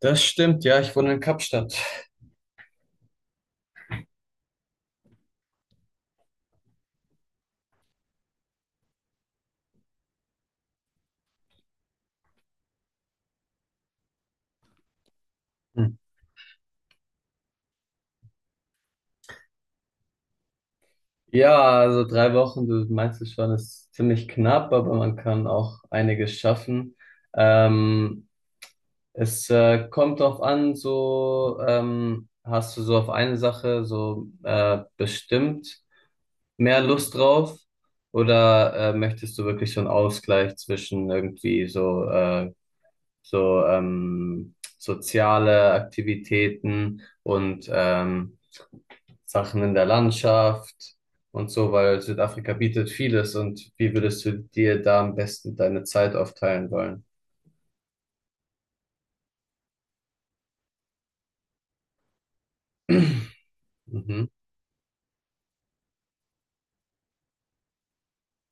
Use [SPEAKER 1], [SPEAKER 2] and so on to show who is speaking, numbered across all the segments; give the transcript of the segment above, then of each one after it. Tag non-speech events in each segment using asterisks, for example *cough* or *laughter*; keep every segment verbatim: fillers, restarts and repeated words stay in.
[SPEAKER 1] Das stimmt, ja, ich wohne in Kapstadt. Hm. Ja, also drei Wochen, du meinst es schon, ist ziemlich knapp, aber man kann auch einiges schaffen. Ähm, es äh, kommt drauf an, so ähm, hast du so auf eine Sache so äh, bestimmt mehr Lust drauf oder äh, möchtest du wirklich so einen Ausgleich zwischen irgendwie so, äh, so ähm, soziale Aktivitäten und ähm, Sachen in der Landschaft und so, weil Südafrika bietet vieles und wie würdest du dir da am besten deine Zeit aufteilen wollen? *clears throat* Mhm.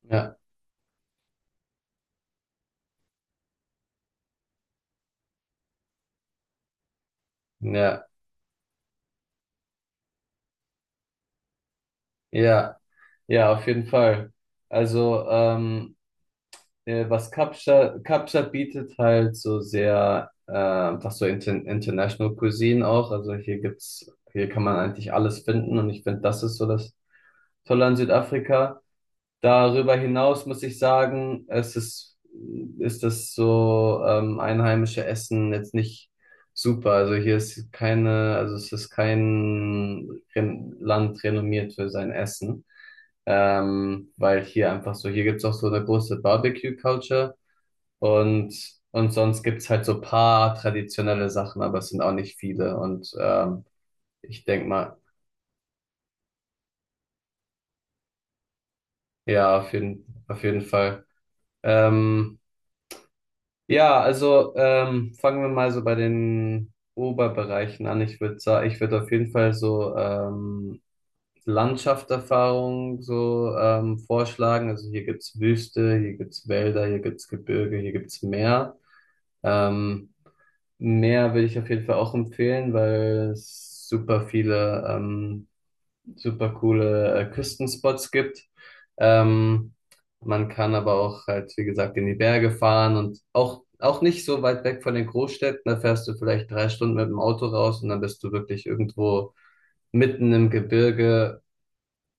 [SPEAKER 1] Ja, ja, ja, ja, auf jeden Fall. Also, ähm, äh, was Kapstadt, Kapstadt bietet halt so sehr, äh, was so inter International Cuisine auch. Also hier gibt's, hier kann man eigentlich alles finden und ich finde, das ist so das Tolle an Südafrika. Darüber hinaus muss ich sagen, es ist, ist das so ähm, einheimische Essen jetzt nicht super. Also hier ist keine, also es ist kein Ren Land renommiert für sein Essen. Ähm, weil hier einfach so, hier gibt's auch so eine große Barbecue-Culture und, und sonst gibt's halt so paar traditionelle Sachen, aber es sind auch nicht viele. Und ähm, ich denk mal, ja, auf jeden, auf jeden Fall. Ähm, Ja, also ähm, fangen wir mal so bei den Oberbereichen an. Ich würde sagen, ich würde auf jeden Fall so ähm, Landschaftserfahrung so ähm, vorschlagen. Also hier gibt's Wüste, hier gibt's Wälder, hier gibt's Gebirge, hier gibt's Meer. Ähm, Meer würde ich auf jeden Fall auch empfehlen, weil es super viele ähm, super coole äh, Küstenspots gibt. Ähm, man kann aber auch halt, wie gesagt, in die Berge fahren und auch, auch nicht so weit weg von den Großstädten. Da fährst du vielleicht drei Stunden mit dem Auto raus und dann bist du wirklich irgendwo mitten im Gebirge,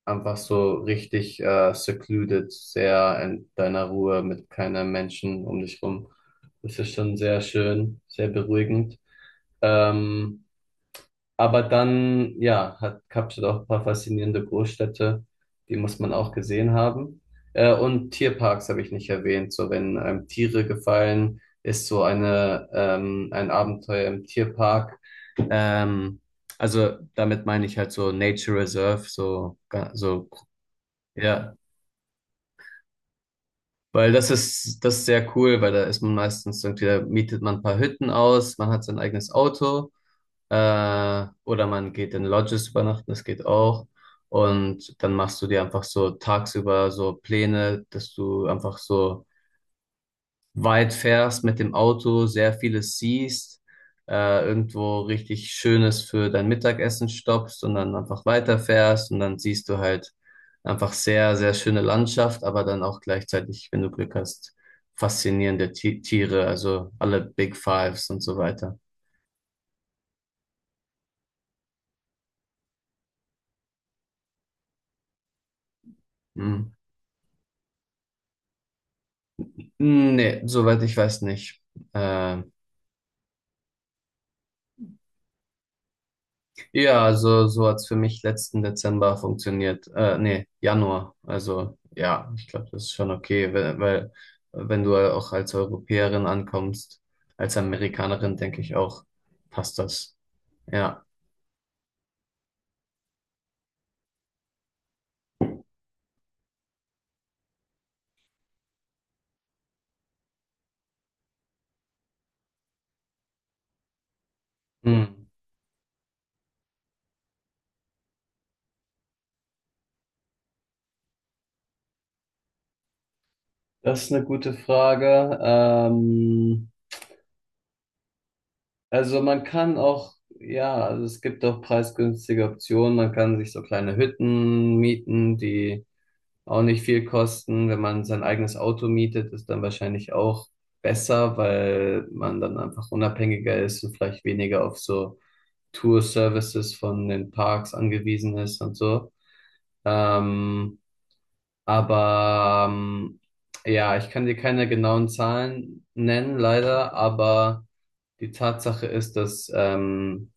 [SPEAKER 1] einfach so richtig äh, secluded, sehr in deiner Ruhe mit keiner Menschen um dich rum. Das ist schon sehr schön, sehr beruhigend. Ähm, aber dann, ja, hat Kapstadt auch ein paar faszinierende Großstädte, die muss man auch gesehen haben. Äh, und Tierparks habe ich nicht erwähnt. So, wenn einem Tiere gefallen, ist so eine, ähm, ein Abenteuer im Tierpark. Ähm, also damit meine ich halt so Nature Reserve, so, ga- so, ja. Weil das ist, das ist sehr cool, weil da ist man meistens irgendwie, da mietet man ein paar Hütten aus, man hat sein eigenes Auto. Äh, oder man geht in Lodges übernachten, das geht auch. Und dann machst du dir einfach so tagsüber so Pläne, dass du einfach so weit fährst mit dem Auto, sehr vieles siehst, äh, irgendwo richtig Schönes für dein Mittagessen stoppst und dann einfach weiterfährst und dann siehst du halt einfach sehr, sehr schöne Landschaft, aber dann auch gleichzeitig, wenn du Glück hast, faszinierende Ti- Tiere, also alle Big Fives und so weiter. Mhm. Hm, nee, soweit ich weiß nicht. Äh, ja, also so hat's für mich letzten Dezember funktioniert. Äh, nee, Januar. Also ja, ich glaube, das ist schon okay, weil, weil wenn du auch als Europäerin ankommst, als Amerikanerin, denke ich auch, passt das. Ja. Hm. Das ist eine gute Frage. Ähm, also man kann auch, ja, also es gibt auch preisgünstige Optionen. Man kann sich so kleine Hütten mieten, die auch nicht viel kosten. Wenn man sein eigenes Auto mietet, ist dann wahrscheinlich auch besser, weil man dann einfach unabhängiger ist und vielleicht weniger auf so Tour-Services von den Parks angewiesen ist und so. Ähm, aber ähm, ja, ich kann dir keine genauen Zahlen nennen, leider, aber die Tatsache ist, dass ähm,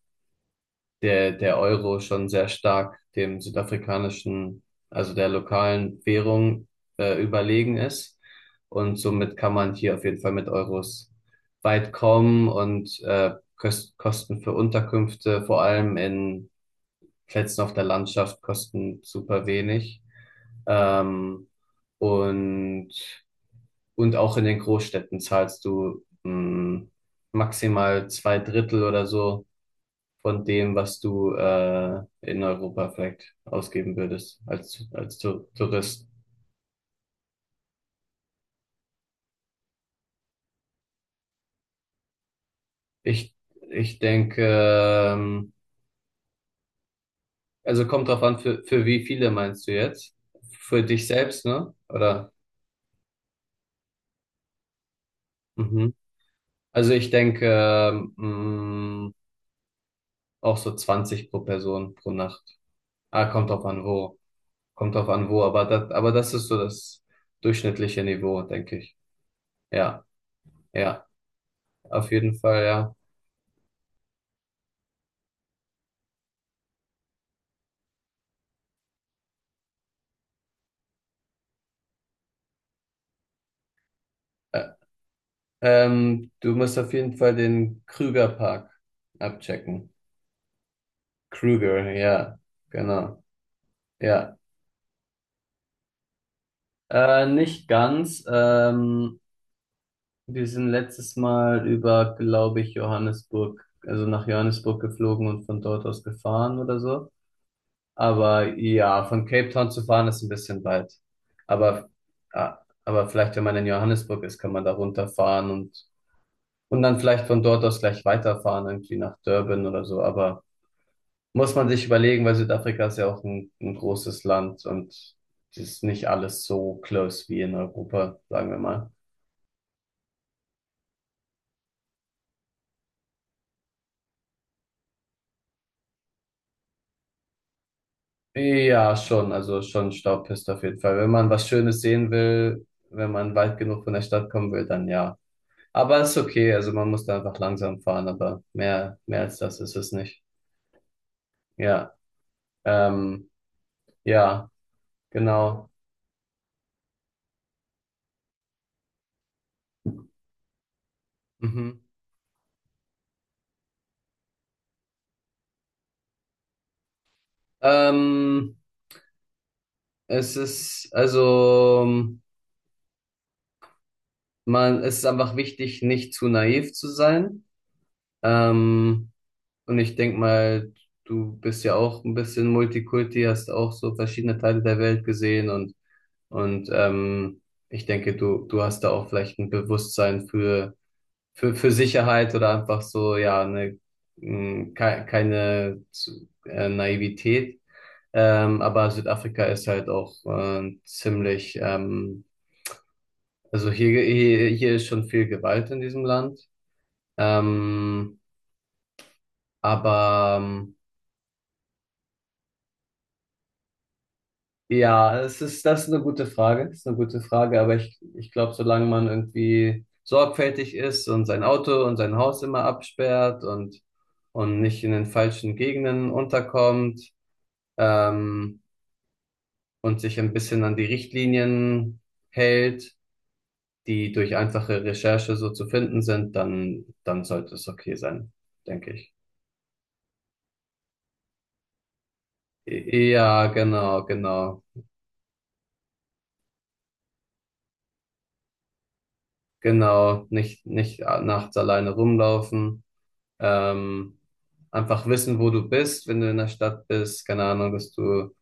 [SPEAKER 1] der, der Euro schon sehr stark dem südafrikanischen, also der lokalen Währung äh, überlegen ist. Und somit kann man hier auf jeden Fall mit Euros weit kommen und äh, Köst Kosten für Unterkünfte, vor allem in Plätzen auf der Landschaft, kosten super wenig. Ähm, und, und auch in den Großstädten zahlst du mh, maximal zwei Drittel oder so von dem, was du äh, in Europa vielleicht ausgeben würdest als, als Tour- Tourist. Ich, ich denke, ähm, also kommt drauf an, für, für wie viele meinst du jetzt? Für dich selbst, ne? Oder? Mhm. Also ich denke, ähm, mh, auch so zwanzig pro Person pro Nacht. Ah, kommt drauf an, wo. Kommt drauf an, wo. Aber das, aber das ist so das durchschnittliche Niveau, denke ich. Ja, ja, auf jeden Fall, ja. Ähm, du musst auf jeden Fall den Krüger Park abchecken. Krüger, ja, genau, ja. Äh, nicht ganz. Ähm, wir sind letztes Mal über, glaube ich, Johannesburg, also nach Johannesburg geflogen und von dort aus gefahren oder so. Aber ja, von Cape Town zu fahren ist ein bisschen weit. Aber, ah, aber vielleicht, wenn man in Johannesburg ist, kann man da runterfahren und, und dann vielleicht von dort aus gleich weiterfahren, irgendwie nach Durban oder so. Aber muss man sich überlegen, weil Südafrika ist ja auch ein, ein großes Land und es ist nicht alles so close wie in Europa, sagen wir mal. Ja, schon, also schon Staubpiste auf jeden Fall. Wenn man was Schönes sehen will, wenn man weit genug von der Stadt kommen will, dann ja. Aber es ist okay, also man muss da einfach langsam fahren, aber mehr, mehr als das ist es nicht. Ja, ähm, ja, genau. Mhm. Ähm, es ist, also, man, es ist einfach wichtig, nicht zu naiv zu sein. Ähm, und ich denk mal, du bist ja auch ein bisschen Multikulti, hast auch so verschiedene Teile der Welt gesehen und, und ähm, ich denke, du, du hast da auch vielleicht ein Bewusstsein für, für, für Sicherheit oder einfach so, ja, eine, mh, ke keine zu- äh, Naivität. Ähm, aber Südafrika ist halt auch äh, ziemlich, ähm, also hier, hier, hier ist schon viel Gewalt in diesem Land. Ähm, aber ähm, Ja, das ist, das ist eine gute Frage. Das ist eine gute Frage, aber ich, ich glaube, solange man irgendwie sorgfältig ist und sein Auto und sein Haus immer absperrt und, und nicht in den falschen Gegenden unterkommt, ähm, und sich ein bisschen an die Richtlinien hält, die durch einfache Recherche so zu finden sind, dann, dann sollte es okay sein, denke ich. Ja, genau, genau, genau. Nicht, nicht nachts alleine rumlaufen. Ähm, einfach wissen, wo du bist, wenn du in der Stadt bist. Keine Ahnung, dass du,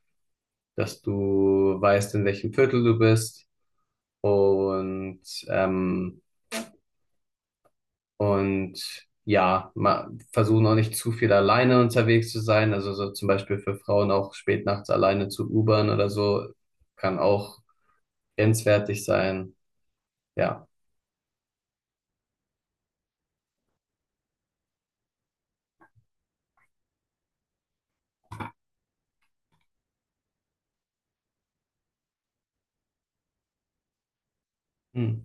[SPEAKER 1] dass du weißt, in welchem Viertel du bist. Und, ähm, und ja, ma- versuchen auch nicht zu viel alleine unterwegs zu sein. Also so zum Beispiel für Frauen auch spät nachts alleine zu Ubern oder so, kann auch grenzwertig sein. Ja. Hm.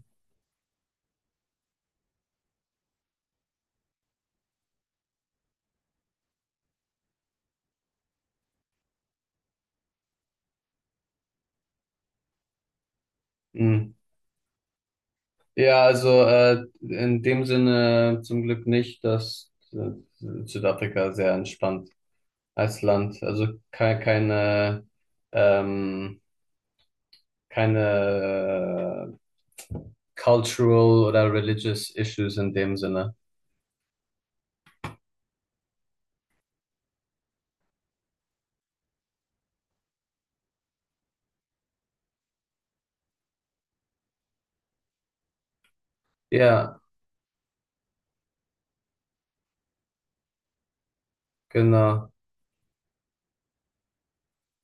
[SPEAKER 1] Hm. Ja, also äh, in dem Sinne zum Glück nicht, dass äh, Südafrika sehr entspannt als Land. Also keine, keine, ähm, keine äh, cultural oder religious issues in dem Sinne. Ja, genau.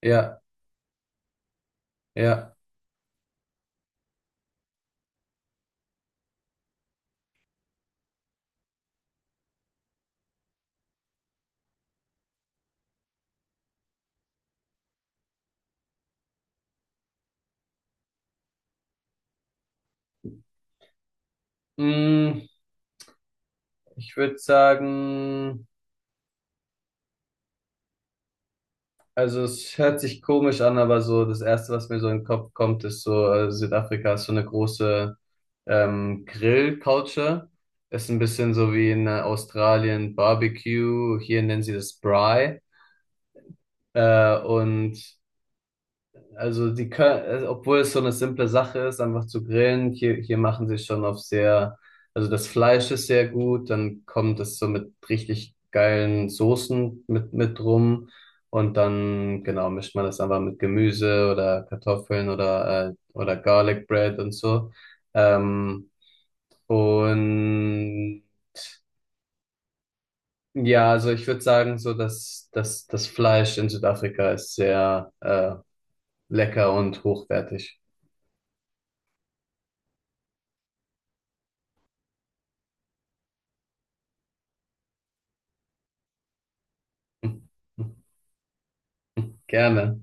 [SPEAKER 1] Ja, ja. Mm, ich würde sagen, also es hört sich komisch an, aber so das Erste, was mir so in den Kopf kommt, ist so, äh, Südafrika ist so eine große ähm, Grill-Culture. Ist ein bisschen so wie in äh, Australien Barbecue. Hier nennen sie das Braai. Äh, und Also die können, also obwohl es so eine simple Sache ist, einfach zu grillen, hier, hier machen sie schon auf sehr, also das Fleisch ist sehr gut, dann kommt es so mit richtig geilen Soßen mit, mit rum und dann, genau, mischt man das einfach mit Gemüse oder Kartoffeln oder, äh, oder Garlic Bread und so. Ähm, und ja, also ich würde sagen, so dass das, das Fleisch in Südafrika ist sehr, äh, lecker und hochwertig. Gerne.